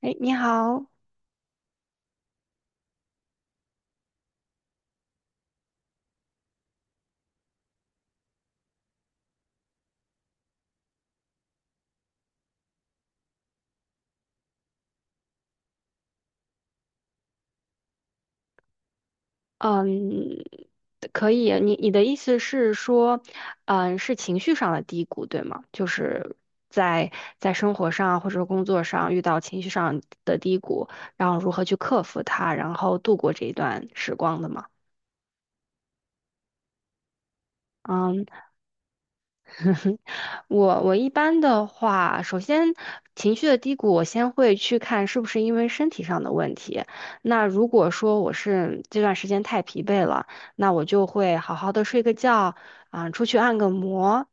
哎，你好。嗯，可以。你你的意思是说，嗯，是情绪上的低谷，对吗？就是在在生活上或者工作上遇到情绪上的低谷，然后如何去克服它，然后度过这一段时光的吗？嗯。我一般的话，首先情绪的低谷，我先会去看是不是因为身体上的问题。那如果说我是这段时间太疲惫了，那我就会好好的睡个觉，啊、出去按个摩。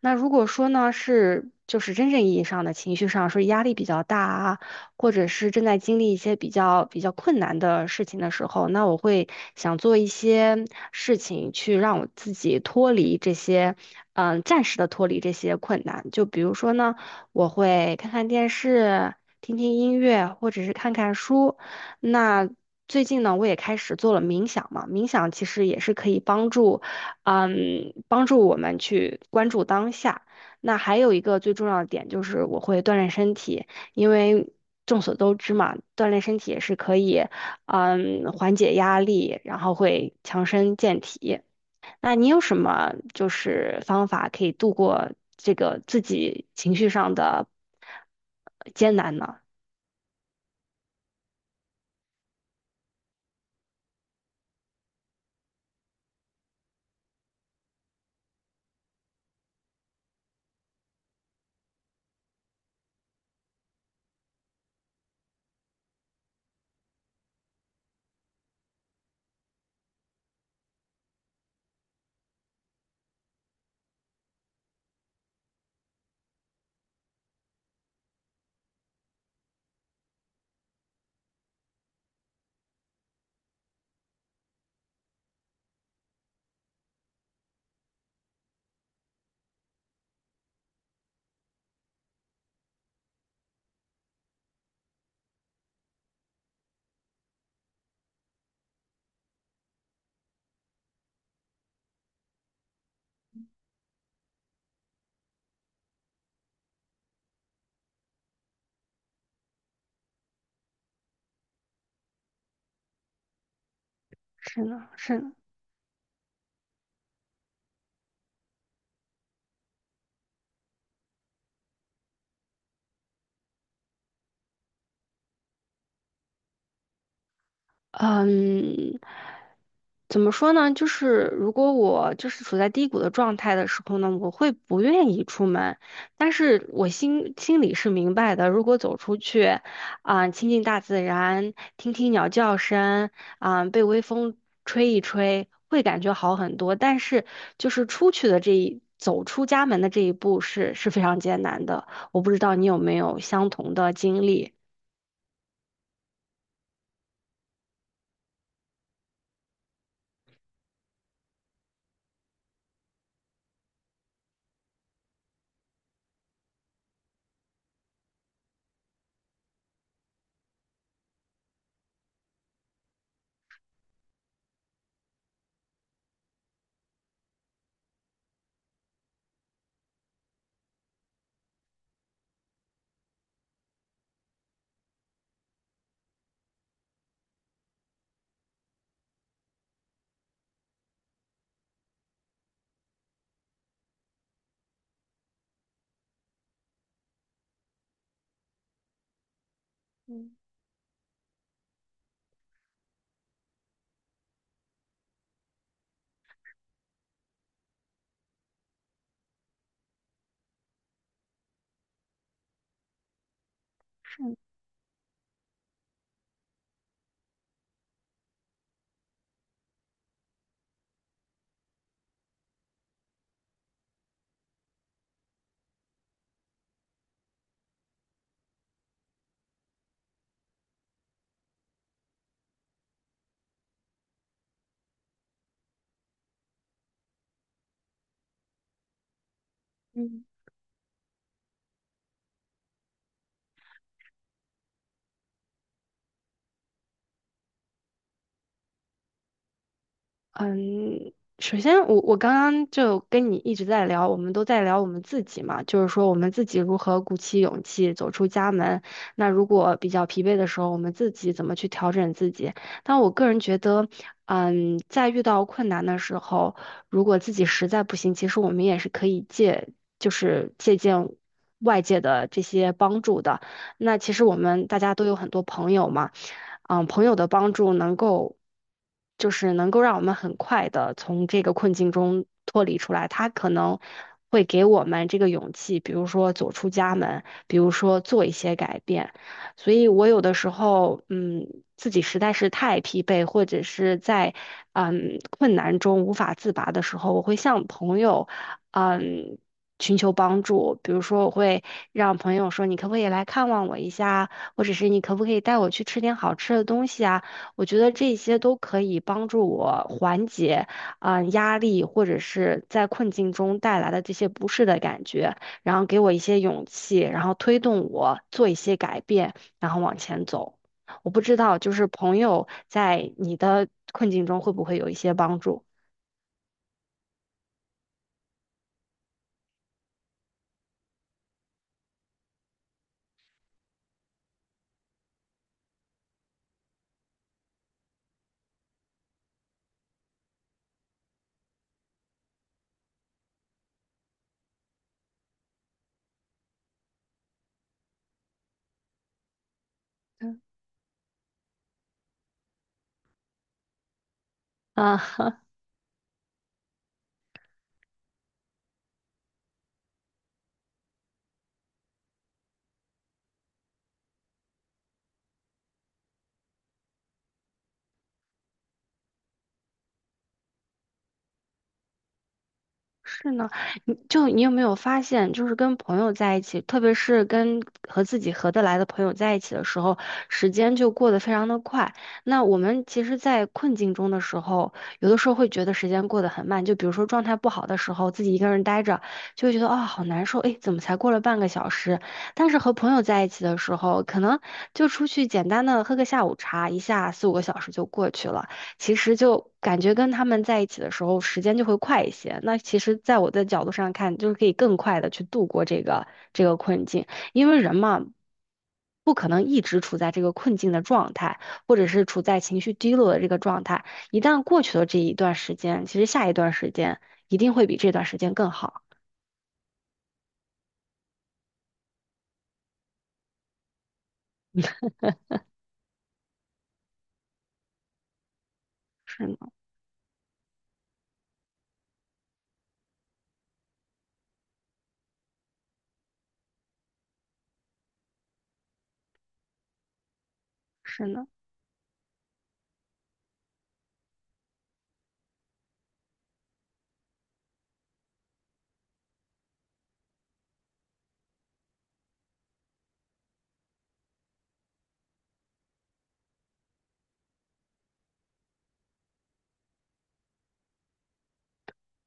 那如果说呢是就是真正意义上的情绪上，说压力比较大啊，或者是正在经历一些比较比较困难的事情的时候，那我会想做一些事情去让我自己脱离这些，嗯、暂时的脱离这些困难。就比如说呢，我会看看电视，听听音乐，或者是看看书。那最近呢，我也开始做了冥想嘛，冥想其实也是可以帮助，嗯，帮助我们去关注当下。那还有一个最重要的点就是我会锻炼身体，因为众所周知嘛，锻炼身体也是可以，嗯，缓解压力，然后会强身健体。那你有什么就是方法可以度过这个自己情绪上的艰难呢？是呢，是呢。嗯，怎么说呢？就是如果我就是处在低谷的状态的时候呢，我会不愿意出门，但是我心心里是明白的。如果走出去，啊、亲近大自然，听听鸟叫声，啊、被微风吹一吹，会感觉好很多。但是就是出去的这一走出家门的这一步是是非常艰难的。我不知道你有没有相同的经历。嗯嗯。嗯，首先我刚刚就跟你一直在聊，我们都在聊我们自己嘛，就是说我们自己如何鼓起勇气走出家门。那如果比较疲惫的时候，我们自己怎么去调整自己？但我个人觉得，嗯，在遇到困难的时候，如果自己实在不行，其实我们也是可以借，就是借鉴外界的这些帮助的。那其实我们大家都有很多朋友嘛。嗯，朋友的帮助能够，就是能够让我们很快的从这个困境中脱离出来。他可能会给我们这个勇气，比如说走出家门，比如说做一些改变。所以我有的时候，嗯，自己实在是太疲惫，或者是在困难中无法自拔的时候，我会向朋友。嗯，寻求帮助，比如说我会让朋友说你可不可以来看望我一下啊，或者是你可不可以带我去吃点好吃的东西啊？我觉得这些都可以帮助我缓解啊、压力或者是在困境中带来的这些不适的感觉，然后给我一些勇气，然后推动我做一些改变，然后往前走。我不知道，就是朋友在你的困境中会不会有一些帮助？嗯啊，是呢。你就你有没有发现，就是跟朋友在一起，特别是跟和自己合得来的朋友在一起的时候，时间就过得非常的快。那我们其实，在困境中的时候，有的时候会觉得时间过得很慢。就比如说状态不好的时候，自己一个人待着，就会觉得啊好难受，哎，怎么才过了半个小时？但是和朋友在一起的时候，可能就出去简单的喝个下午茶，一下四五个小时就过去了。其实就感觉跟他们在一起的时候，时间就会快一些。那其实，在我的角度上看，就是可以更快的去度过这个这个困境，因为人嘛，不可能一直处在这个困境的状态，或者是处在情绪低落的这个状态。一旦过去了这一段时间，其实下一段时间一定会比这段时间更好。是呢，是呢。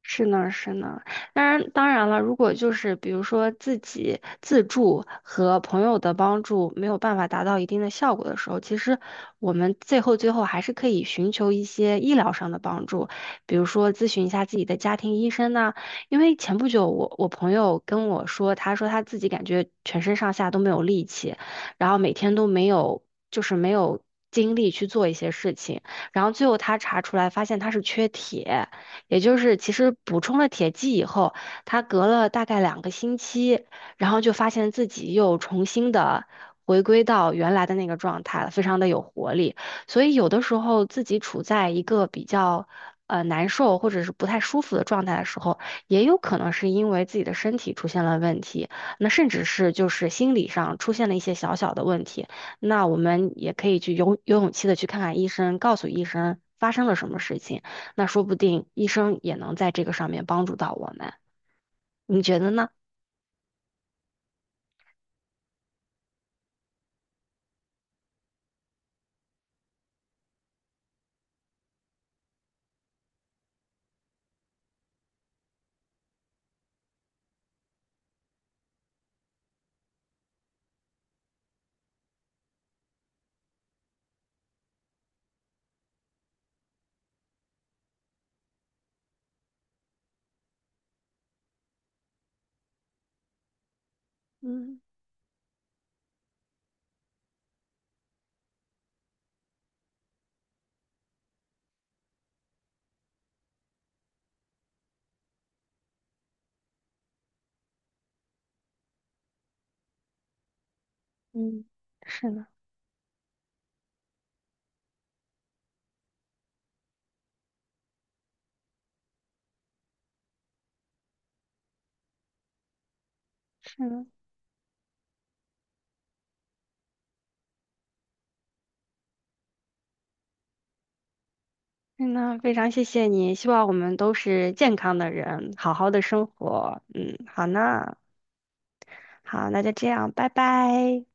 是呢，是呢。当然，当然了，如果就是比如说自己自助和朋友的帮助没有办法达到一定的效果的时候，其实我们最后还是可以寻求一些医疗上的帮助，比如说咨询一下自己的家庭医生呐、因为前不久我朋友跟我说，他说他自己感觉全身上下都没有力气，然后每天都没有就是没有精力去做一些事情，然后最后他查出来发现他是缺铁。也就是其实补充了铁剂以后，他隔了大概两个星期，然后就发现自己又重新的回归到原来的那个状态了，非常的有活力。所以有的时候自己处在一个比较难受或者是不太舒服的状态的时候，也有可能是因为自己的身体出现了问题，那甚至是就是心理上出现了一些小小的问题。那我们也可以去有勇气的去看看医生，告诉医生发生了什么事情。那说不定医生也能在这个上面帮助到我们，你觉得呢？嗯嗯，是呢，是呢。嗯，那非常谢谢你，希望我们都是健康的人，好好的生活。嗯，好呢。好，那就这样，拜拜。